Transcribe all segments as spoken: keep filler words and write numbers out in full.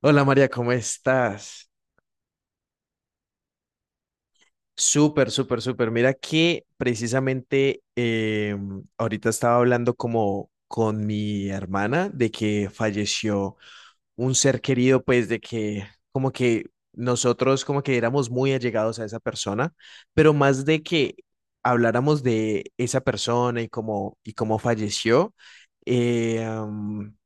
Hola María, ¿cómo estás? Súper, súper, súper. Mira que precisamente eh, ahorita estaba hablando como con mi hermana de que falleció un ser querido, pues de que como que nosotros como que éramos muy allegados a esa persona, pero más de que habláramos de esa persona y cómo, y cómo falleció, eh, am,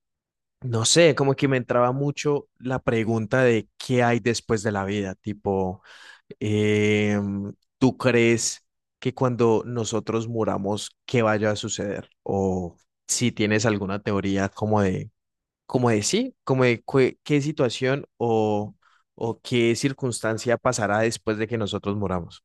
no sé, como que me entraba mucho la pregunta de qué hay después de la vida, tipo. Eh, ¿Tú crees que cuando nosotros muramos, qué vaya a suceder? O si tienes alguna teoría como de, como de sí, como de cue- qué situación o, o qué circunstancia pasará después de que nosotros muramos.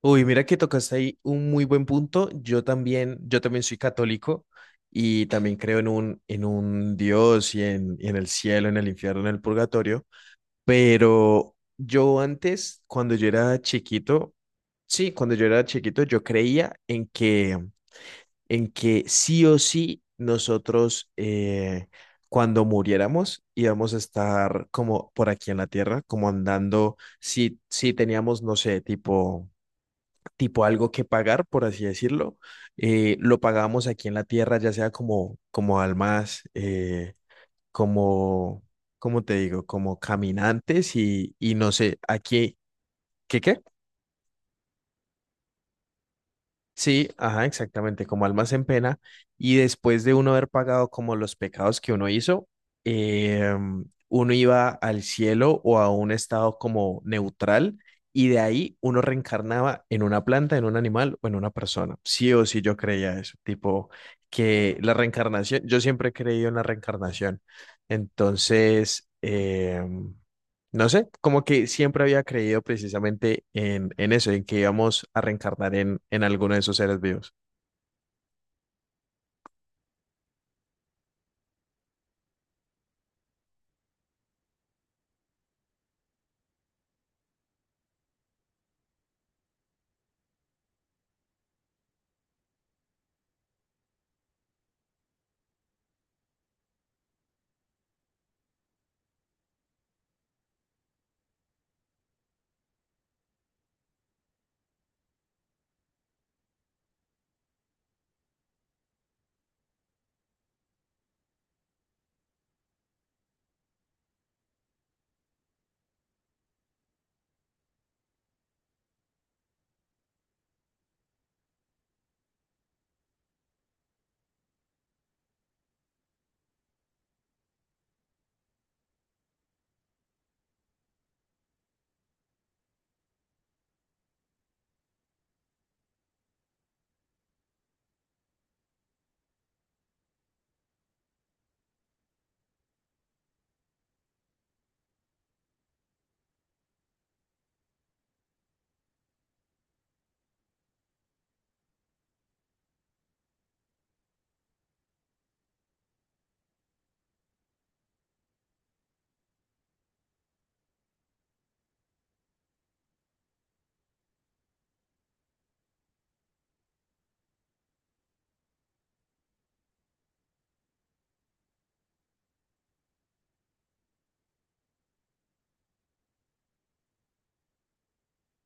Uy, mira que tocaste ahí un muy buen punto. Yo también, yo también soy católico y también creo en un, en un Dios y en, y en el cielo, en el infierno, en el purgatorio. Pero yo antes, cuando yo era chiquito, sí, cuando yo era chiquito, yo creía en que, en que sí o sí nosotros, eh, cuando muriéramos, íbamos a estar como por aquí en la tierra, como andando, si, si teníamos, no sé, tipo, tipo algo que pagar, por así decirlo, eh, lo pagábamos aquí en la tierra, ya sea como, como almas. eh, como, ¿Cómo te digo? Como caminantes y, y no sé, aquí, ¿qué qué? Sí, ajá, exactamente, como almas en pena. Y después de uno haber pagado como los pecados que uno hizo, em, uno iba al cielo o a un estado como neutral y de ahí uno reencarnaba en una planta, en un animal o en una persona. Sí o sí yo creía eso, tipo que la reencarnación, yo siempre he creído en la reencarnación. Entonces, em, no sé, como que siempre había creído precisamente en, en eso, en que íbamos a reencarnar en, en alguno de esos seres vivos.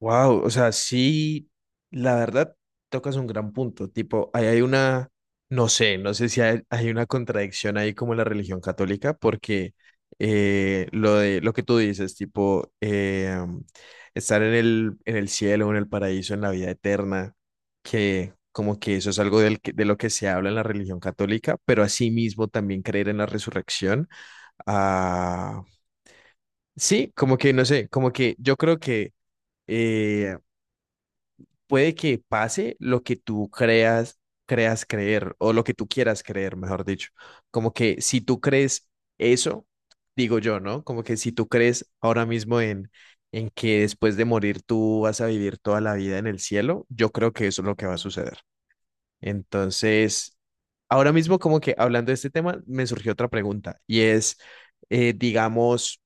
Wow, o sea, sí, la verdad, tocas un gran punto. Tipo, ahí hay una, no sé, no sé si hay, hay una contradicción ahí como en la religión católica, porque eh, lo de lo que tú dices, tipo, eh, estar en el, en el cielo, en el paraíso, en la vida eterna, que como que eso es algo del, que- de lo que se habla en la religión católica, pero asimismo también creer en la resurrección. Ah, sí, como que, no sé, como que yo creo que, eh, puede que pase lo que tú creas, creas creer, o lo que tú quieras creer, mejor dicho. Como que si tú crees eso, digo yo, ¿no? Como que si tú crees ahora mismo en, en que después de morir tú vas a vivir toda la vida en el cielo, yo creo que eso es lo que va a suceder. Entonces, ahora mismo como que hablando de este tema, me surgió otra pregunta y es, eh, digamos,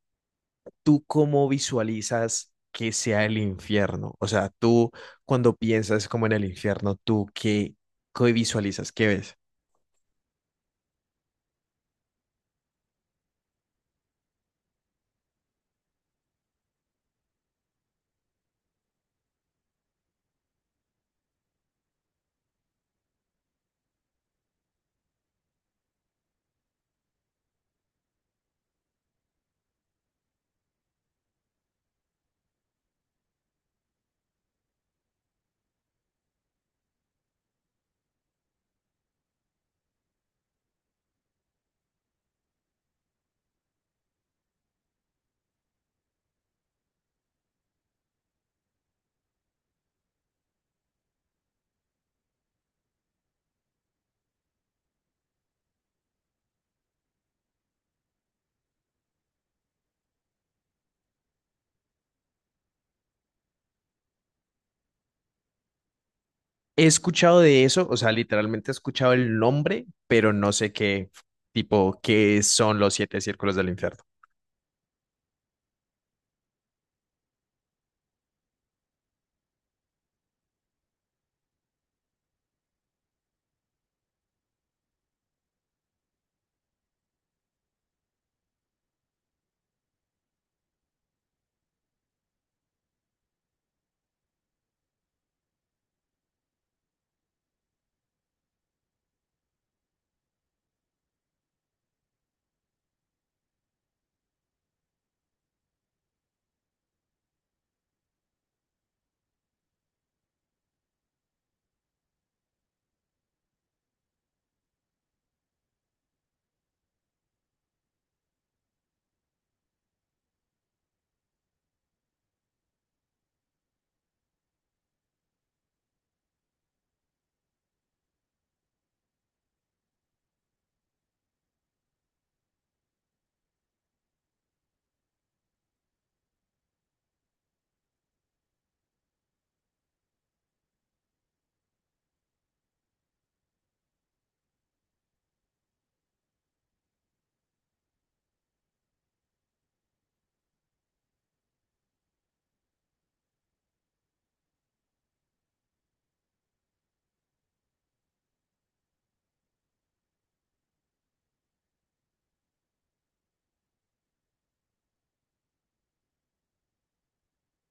¿tú cómo visualizas que sea el infierno? O sea, tú cuando piensas como en el infierno, ¿tú qué, qué visualizas? ¿Qué ves? He escuchado de eso, o sea, literalmente he escuchado el nombre, pero no sé qué tipo, qué son los siete círculos del infierno.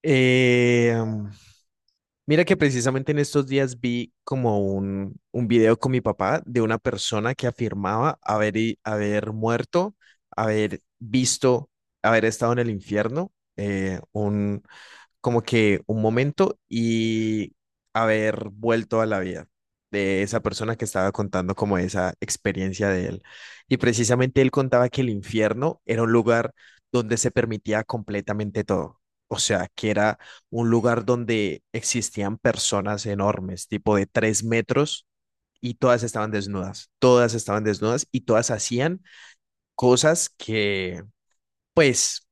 Eh, Mira que precisamente en estos días vi como un, un video con mi papá de una persona que afirmaba haber, i- haber muerto, haber visto, haber estado en el infierno, eh, un, como que un momento y haber vuelto a la vida de esa persona que estaba contando como esa experiencia de él. Y precisamente él contaba que el infierno era un lugar donde se permitía completamente todo. O sea, que era un lugar donde existían personas enormes, tipo de tres metros, y todas estaban desnudas, todas estaban desnudas y todas hacían cosas que, pues,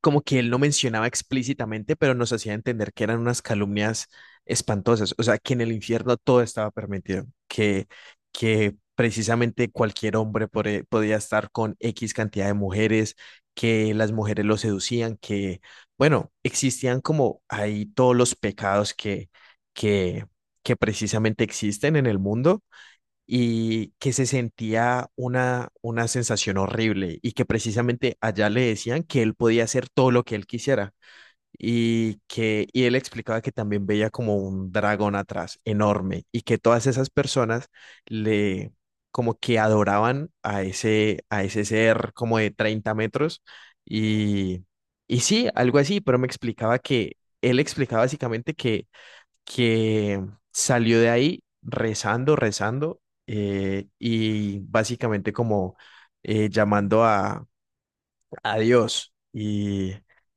como que él no mencionaba explícitamente, pero nos hacía entender que eran unas calumnias espantosas, o sea, que en el infierno todo estaba permitido, que, que precisamente cualquier hombre pore- podía estar con X cantidad de mujeres, que las mujeres lo seducían, que, bueno, existían como ahí todos los pecados que, que, que precisamente existen en el mundo y que se sentía una, una sensación horrible y que precisamente allá le decían que él podía hacer todo lo que él quisiera y que y él explicaba que también veía como un dragón atrás enorme y que todas esas personas le como que adoraban a ese a ese ser como de treinta metros y y sí, algo así, pero me explicaba que él explicaba básicamente que que salió de ahí rezando, rezando eh, y básicamente como eh, llamando a, a Dios. Y,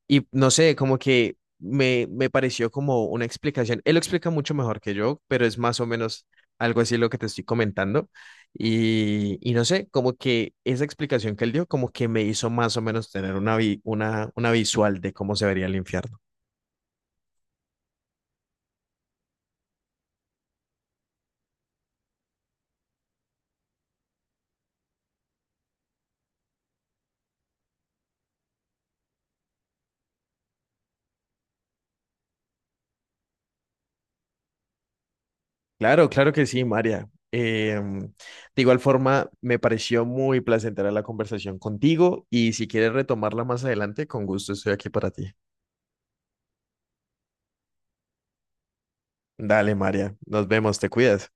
y no sé, como que me, me pareció como una explicación. Él lo explica mucho mejor que yo, pero es más o menos algo así lo que te estoy comentando. Y, y no sé, como que esa explicación que él dio, como que me hizo más o menos tener una, vi- una, una visual de cómo se vería el infierno. Claro, claro que sí, María. Em, de igual forma, me pareció muy placentera la conversación contigo y si quieres retomarla más adelante, con gusto estoy aquí para ti. Dale, María, nos vemos, te cuidas.